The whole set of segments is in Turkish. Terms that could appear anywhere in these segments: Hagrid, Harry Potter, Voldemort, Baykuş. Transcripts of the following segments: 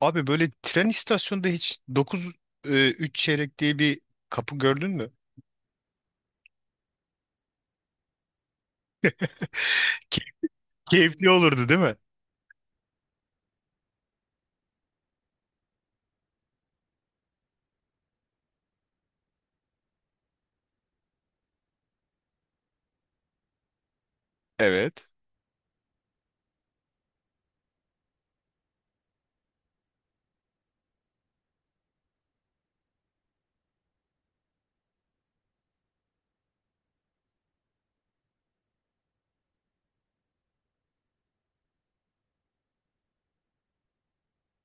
Abi böyle tren istasyonunda hiç 9 3 çeyrek diye bir kapı gördün mü? Key- Keyifli olurdu değil mi? Evet.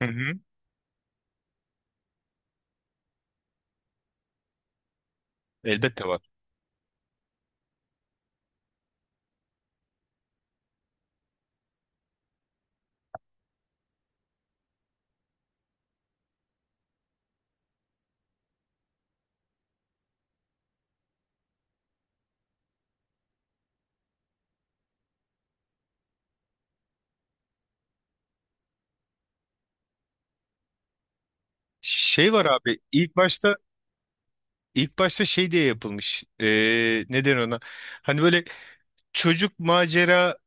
Hı hı. Elbette var. Şey var abi ilk başta şey diye yapılmış. Neden ona? Hani böyle çocuk macera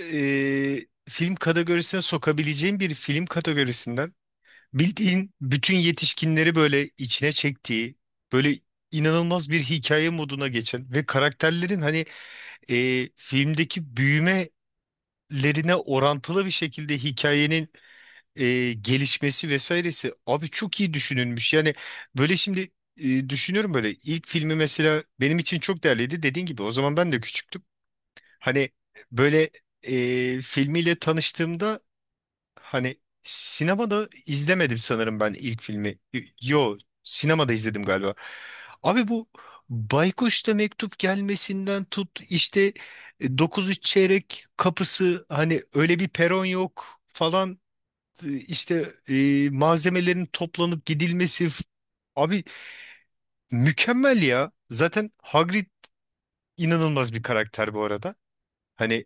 film kategorisine sokabileceğin bir film kategorisinden bildiğin bütün yetişkinleri böyle içine çektiği, böyle inanılmaz bir hikaye moduna geçen ve karakterlerin hani filmdeki büyümelerine orantılı bir şekilde hikayenin gelişmesi vesairesi abi çok iyi düşünülmüş. Yani böyle şimdi düşünüyorum, böyle ilk filmi mesela benim için çok değerliydi, dediğin gibi o zaman ben de küçüktüm. Hani böyle filmiyle tanıştığımda, hani sinemada izlemedim sanırım ben ilk filmi. Yo, sinemada izledim galiba. Abi bu Baykuş'ta mektup gelmesinden tut, işte 9¾ kapısı, hani öyle bir peron yok falan, işte malzemelerin toplanıp gidilmesi, abi mükemmel ya. Zaten Hagrid inanılmaz bir karakter bu arada. Hani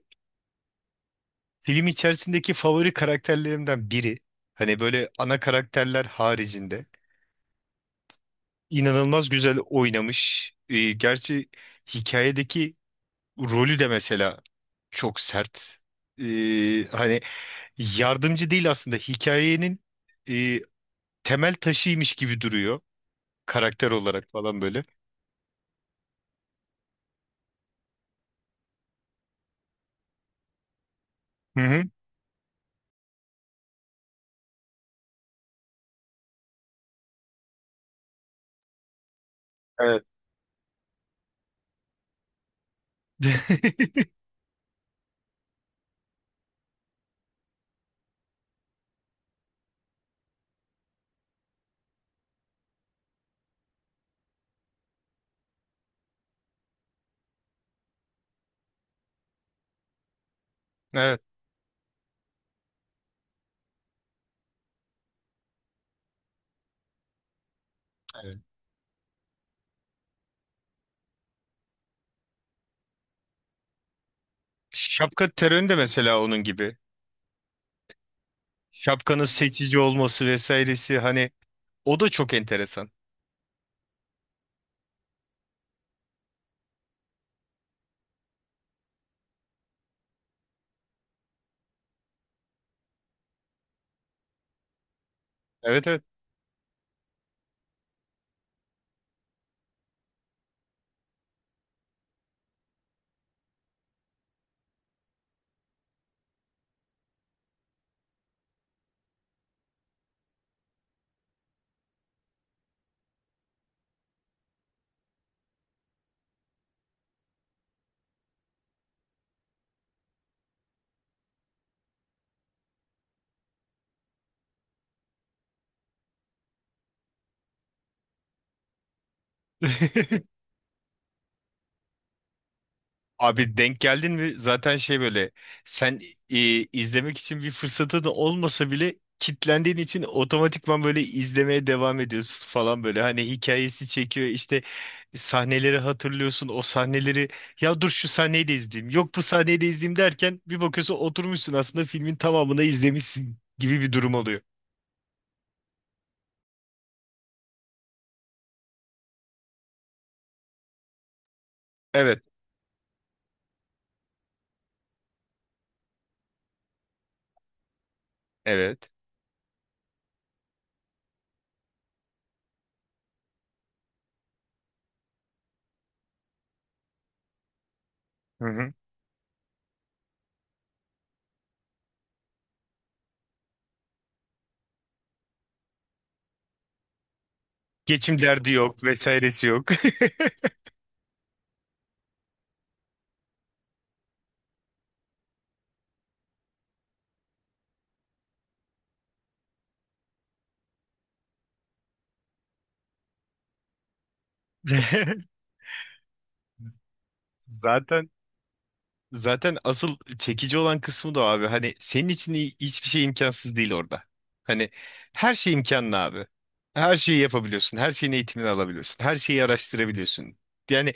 film içerisindeki favori karakterlerimden biri. Hani böyle ana karakterler haricinde. İnanılmaz güzel oynamış. Gerçi hikayedeki rolü de mesela çok sert. Hani yardımcı değil aslında, hikayenin e, temel taşıymış gibi duruyor karakter olarak falan böyle. Hı hı. Evet. Evet. Evet. Şapka terörü de mesela onun gibi. Şapkanın seçici olması vesairesi hani, o da çok enteresan. Evet, evet. Abi denk geldin mi? Zaten şey böyle, sen e, izlemek için bir fırsatın olmasa bile kitlendiğin için otomatikman böyle izlemeye devam ediyorsun falan böyle. Hani hikayesi çekiyor, işte sahneleri hatırlıyorsun, o sahneleri, ya dur şu sahneyi de izleyeyim, yok bu sahneyi de izleyeyim, derken bir bakıyorsun oturmuşsun, aslında filmin tamamını izlemişsin gibi bir durum oluyor. Evet. Evet. Hı hı. Geçim derdi yok, vesairesi yok. Zaten Zaten asıl çekici olan kısmı da o abi. Hani senin için hiçbir şey imkansız değil orada. Hani her şey imkanlı abi. Her şeyi yapabiliyorsun. Her şeyin eğitimini alabiliyorsun. Her şeyi araştırabiliyorsun. Yani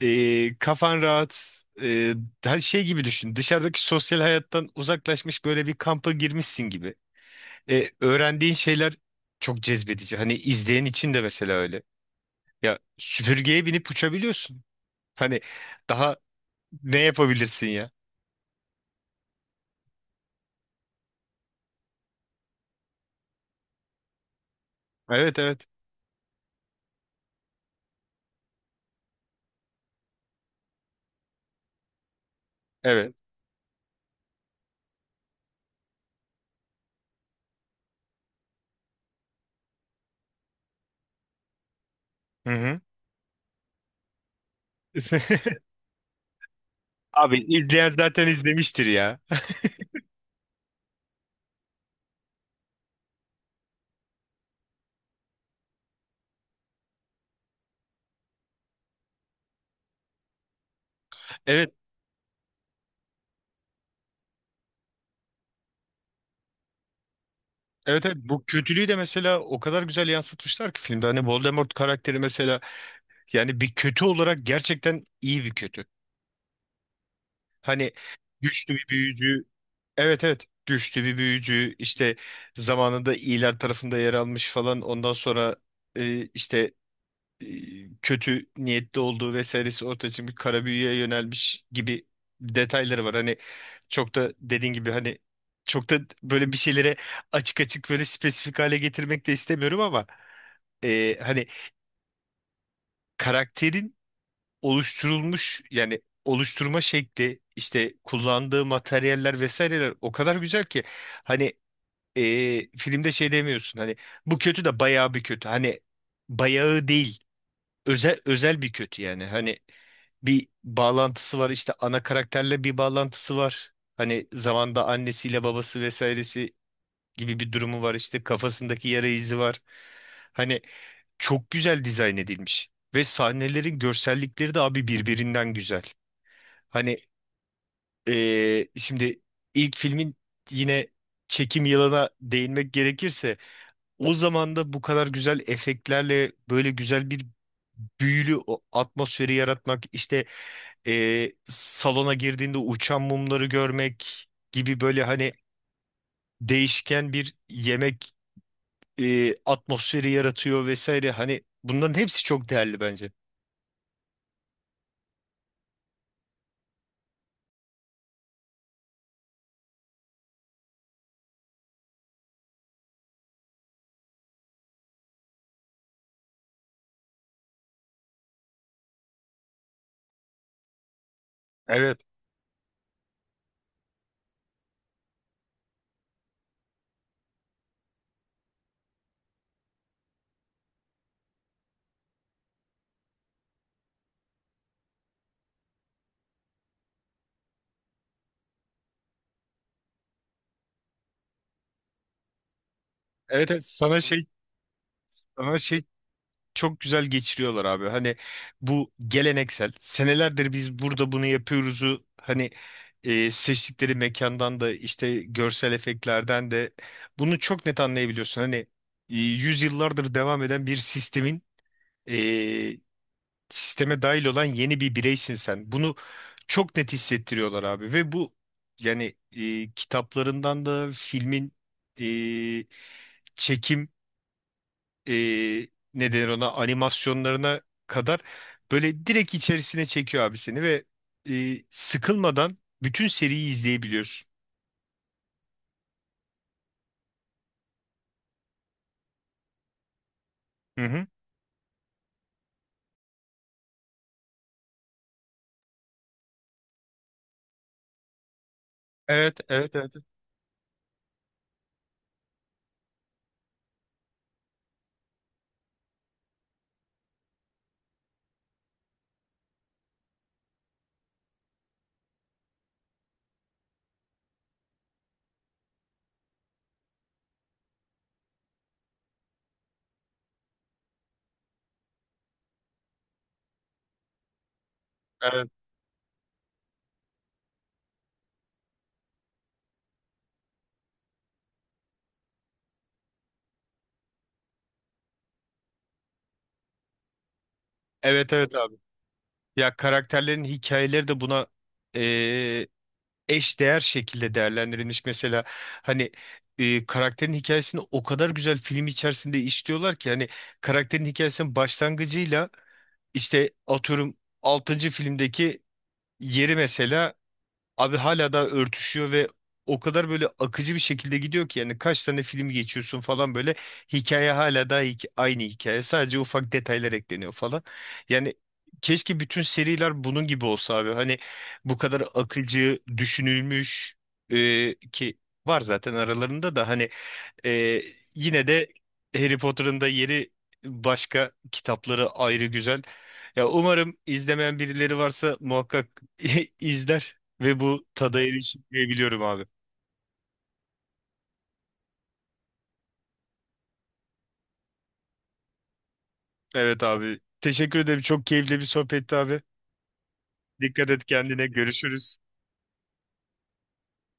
kafan rahat. Her şey gibi düşün. Dışarıdaki sosyal hayattan uzaklaşmış, böyle bir kampa girmişsin gibi. Öğrendiğin şeyler çok cezbedici. Hani izleyen için de mesela öyle. Ya süpürgeye binip uçabiliyorsun. Hani daha ne yapabilirsin ya? Evet, evet. Evet. Hı hı. Abi izleyen zaten izlemiştir ya. Evet, evet, evet. Bu kötülüğü de mesela o kadar güzel yansıtmışlar ki filmde. Hani Voldemort karakteri mesela, yani bir kötü olarak gerçekten iyi bir kötü. Hani güçlü bir büyücü. Evet, evet. Güçlü bir büyücü. İşte zamanında iyiler tarafında yer almış falan. Ondan sonra işte e, kötü niyetli olduğu vesairesi ortaya çıkmış, kara büyüye yönelmiş gibi detayları var. Hani çok da, dediğin gibi hani, çok da böyle bir şeylere açık açık böyle spesifik hale getirmek de istemiyorum ama, hani karakterin oluşturulmuş yani oluşturma şekli, işte kullandığı materyaller vesaireler, o kadar güzel ki hani, e, filmde şey demiyorsun hani, bu kötü de bayağı bir kötü, hani bayağı değil, özel özel bir kötü yani, hani bir bağlantısı var. İşte ana karakterle bir bağlantısı var. Hani zamanda annesiyle babası vesairesi gibi bir durumu var. İşte kafasındaki yara izi var. Hani çok güzel dizayn edilmiş. Ve sahnelerin görsellikleri de abi birbirinden güzel. Hani şimdi ilk filmin, yine çekim yılına değinmek gerekirse, o zaman da bu kadar güzel efektlerle böyle güzel bir büyülü o atmosferi yaratmak, işte salona girdiğinde uçan mumları görmek gibi böyle hani, değişken bir yemek atmosferi yaratıyor vesaire. Hani bunların hepsi çok değerli bence. Evet. Evet, evet. Sana şey çok güzel geçiriyorlar abi. Hani bu geleneksel, senelerdir biz burada bunu yapıyoruzu hani, seçtikleri mekandan da işte görsel efektlerden de bunu çok net anlayabiliyorsun. Hani yüzyıllardır devam eden bir sistemin, e, sisteme dahil olan yeni bir bireysin sen. Bunu çok net hissettiriyorlar abi, ve bu yani kitaplarından da filmin e, çekim, e, ne denir ona, animasyonlarına kadar böyle direkt içerisine çekiyor abi seni, ve sıkılmadan bütün seriyi izleyebiliyorsun. Hı hı. Evet, evet, evet. Evet, evet, evet abi. Ya karakterlerin hikayeleri de buna eşdeğer şekilde değerlendirilmiş. Mesela hani karakterin hikayesini o kadar güzel film içerisinde işliyorlar ki, hani karakterin hikayesinin başlangıcıyla, işte atıyorum altıncı filmdeki yeri mesela, abi hala da örtüşüyor ve o kadar böyle akıcı bir şekilde gidiyor ki, yani kaç tane film geçiyorsun falan böyle, hikaye hala da aynı hikaye, sadece ufak detaylar ekleniyor falan. Yani keşke bütün seriler bunun gibi olsa abi, hani bu kadar akıcı düşünülmüş, ki var zaten aralarında da hani, ee, yine de Harry Potter'ın da yeri, başka kitapları ayrı güzel. Ya umarım izlemeyen birileri varsa muhakkak izler ve bu tada erişir diye biliyorum abi. Evet abi. Teşekkür ederim. Çok keyifli bir sohbetti abi. Dikkat et kendine. Görüşürüz.